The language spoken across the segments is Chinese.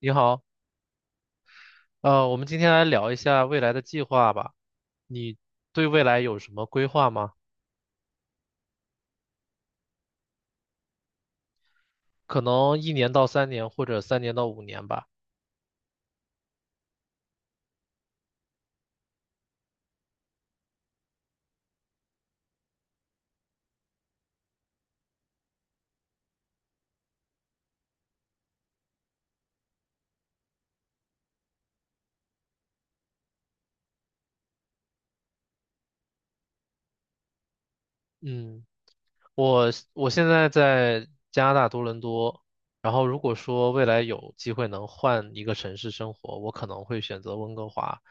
你好，我们今天来聊一下未来的计划吧。你对未来有什么规划吗？可能1年到3年，或者3年到5年吧。嗯。我现在在加拿大多伦多，然后如果说未来有机会能换一个城市生活，我可能会选择温哥华，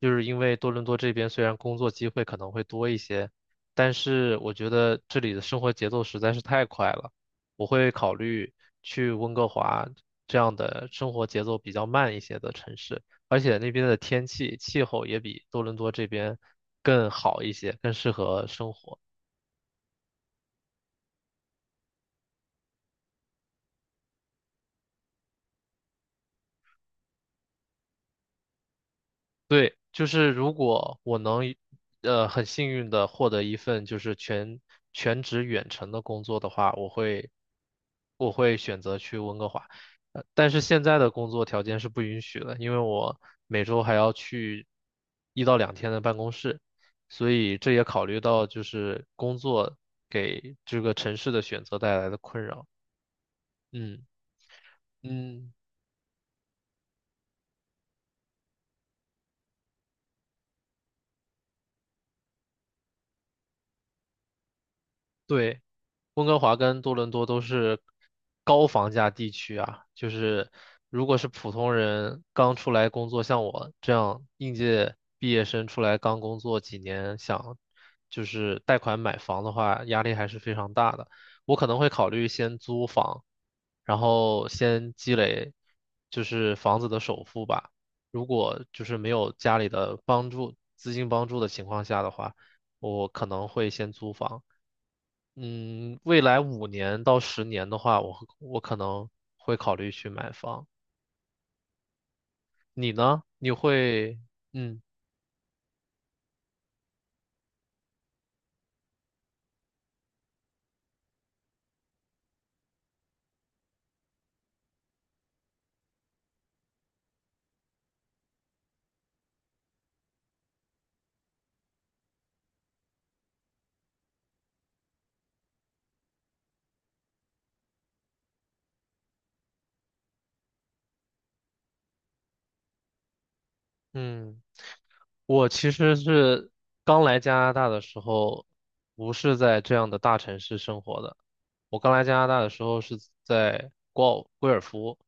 就是因为多伦多这边虽然工作机会可能会多一些，但是我觉得这里的生活节奏实在是太快了，我会考虑去温哥华这样的生活节奏比较慢一些的城市，而且那边的天气气候也比多伦多这边更好一些，更适合生活。对，就是如果我能，很幸运的获得一份就是全职远程的工作的话，我会选择去温哥华，但是现在的工作条件是不允许的，因为我每周还要去1到2天的办公室，所以这也考虑到就是工作给这个城市的选择带来的困扰。嗯嗯，对，温哥华跟多伦多都是高房价地区啊，就是如果是普通人刚出来工作，像我这样应届毕业生出来刚工作几年，想就是贷款买房的话，压力还是非常大的。我可能会考虑先租房，然后先积累就是房子的首付吧。如果就是没有家里的帮助，资金帮助的情况下的话，我可能会先租房。嗯，未来五年到十年的话，我可能会考虑去买房。你呢？你会，嗯嗯，我其实是刚来加拿大的时候，不是在这样的大城市生活的。我刚来加拿大的时候是在贵尔夫，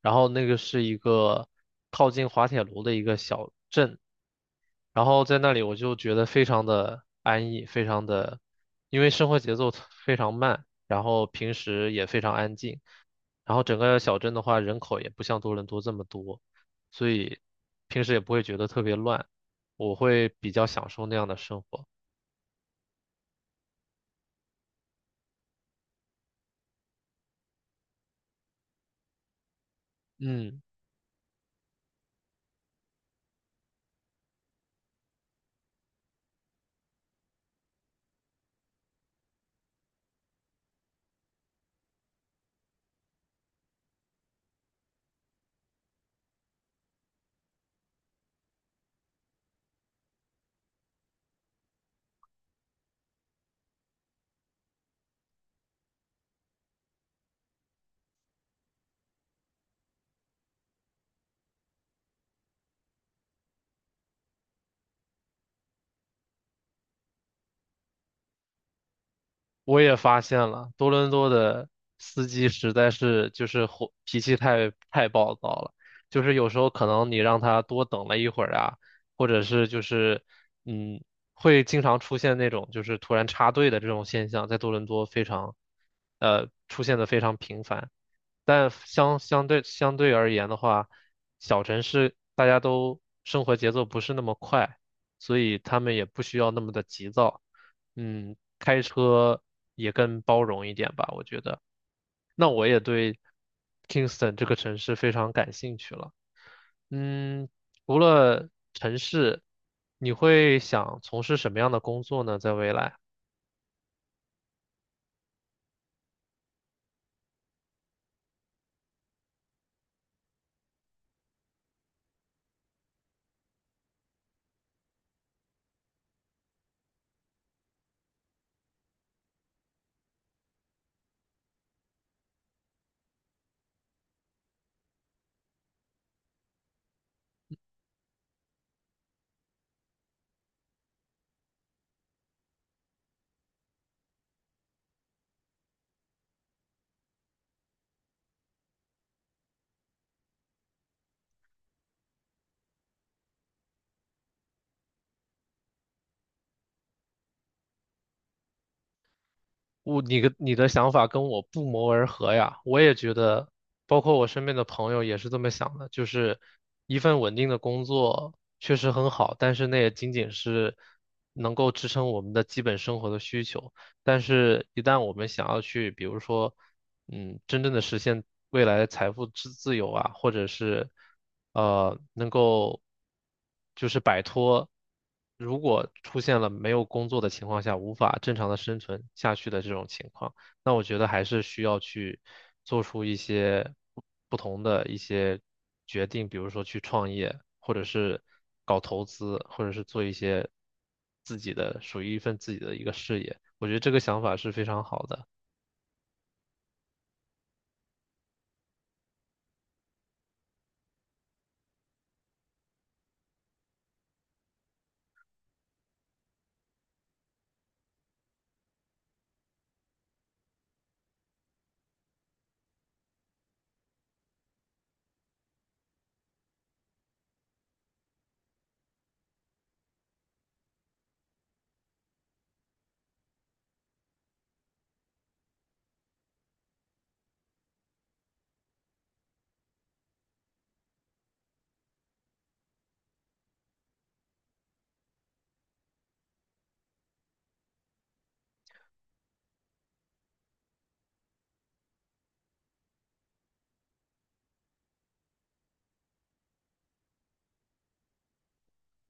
然后那个是一个靠近滑铁卢的一个小镇，然后在那里我就觉得非常的安逸，非常的，因为生活节奏非常慢，然后平时也非常安静，然后整个小镇的话人口也不像多伦多这么多，所以平时也不会觉得特别乱，我会比较享受那样的生活。嗯。我也发现了，多伦多的司机实在是就是火，脾气太暴躁了，就是有时候可能你让他多等了一会儿啊，或者是就是嗯，会经常出现那种就是突然插队的这种现象，在多伦多非常出现的非常频繁。但相对而言的话，小城市大家都生活节奏不是那么快，所以他们也不需要那么的急躁。嗯，开车也更包容一点吧，我觉得。那我也对 Kingston 这个城市非常感兴趣了。嗯，除了城市，你会想从事什么样的工作呢？在未来？我你的想法跟我不谋而合呀，我也觉得，包括我身边的朋友也是这么想的，就是一份稳定的工作确实很好，但是那也仅仅是能够支撑我们的基本生活的需求。但是，一旦我们想要去，比如说，嗯，真正的实现未来的财富自由啊，或者是能够就是摆脱，如果出现了没有工作的情况下无法正常的生存下去的这种情况。那我觉得还是需要去做出一些不同的一些决定，比如说去创业，或者是搞投资，或者是做一些自己的属于一份自己的一个事业。我觉得这个想法是非常好的。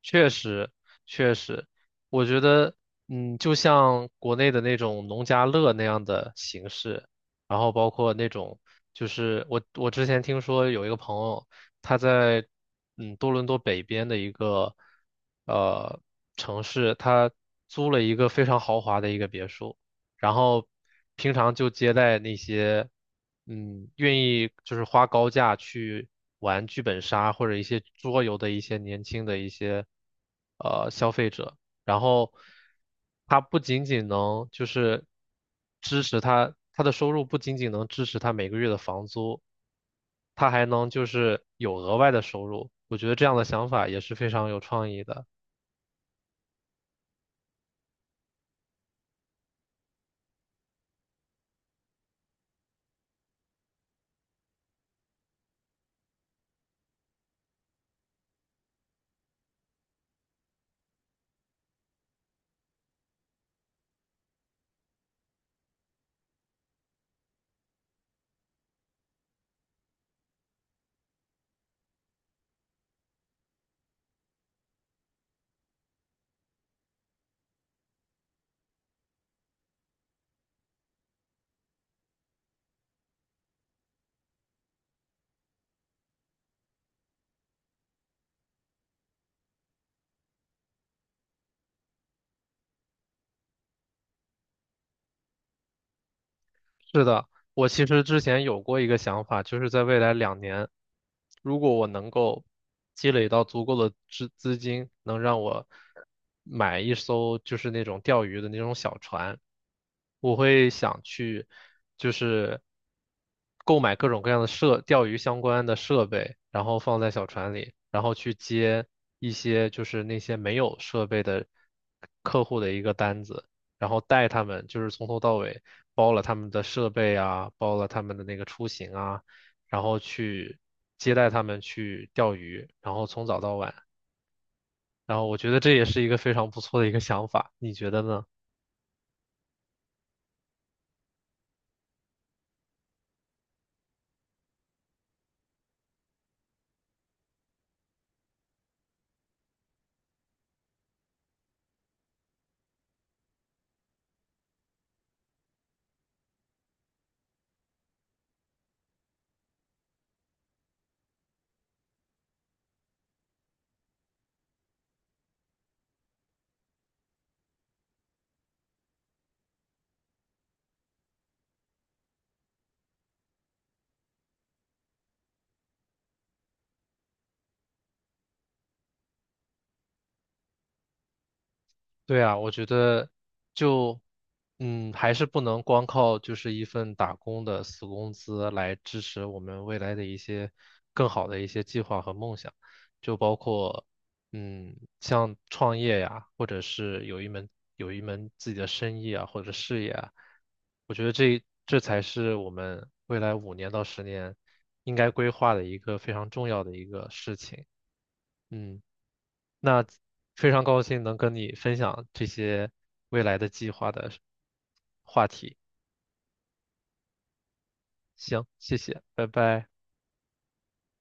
确实，确实，我觉得，嗯，就像国内的那种农家乐那样的形式，然后包括那种，就是我之前听说有一个朋友，他在嗯多伦多北边的一个呃城市，他租了一个非常豪华的一个别墅，然后平常就接待那些嗯愿意就是花高价去玩剧本杀或者一些桌游的一些年轻的一些消费者，然后他不仅仅能就是支持他的收入不仅仅能支持他每个月的房租，他还能就是有额外的收入，我觉得这样的想法也是非常有创意的。是的，我其实之前有过一个想法，就是在未来2年，如果我能够积累到足够的资金，能让我买一艘就是那种钓鱼的那种小船，我会想去就是购买各种各样的设钓鱼相关的设备，然后放在小船里，然后去接一些就是那些没有设备的客户的一个单子。然后带他们，就是从头到尾包了他们的设备啊，包了他们的那个出行啊，然后去接待他们去钓鱼，然后从早到晚，然后我觉得这也是一个非常不错的一个想法，你觉得呢？对啊，我觉得就，嗯，还是不能光靠就是一份打工的死工资来支持我们未来的一些更好的一些计划和梦想，就包括，嗯，像创业呀，或者是有一门有一门自己的生意啊，或者事业啊，我觉得这才是我们未来五年到十年应该规划的一个非常重要的一个事情。嗯。那非常高兴能跟你分享这些未来的计划的话题。行，谢谢，拜拜。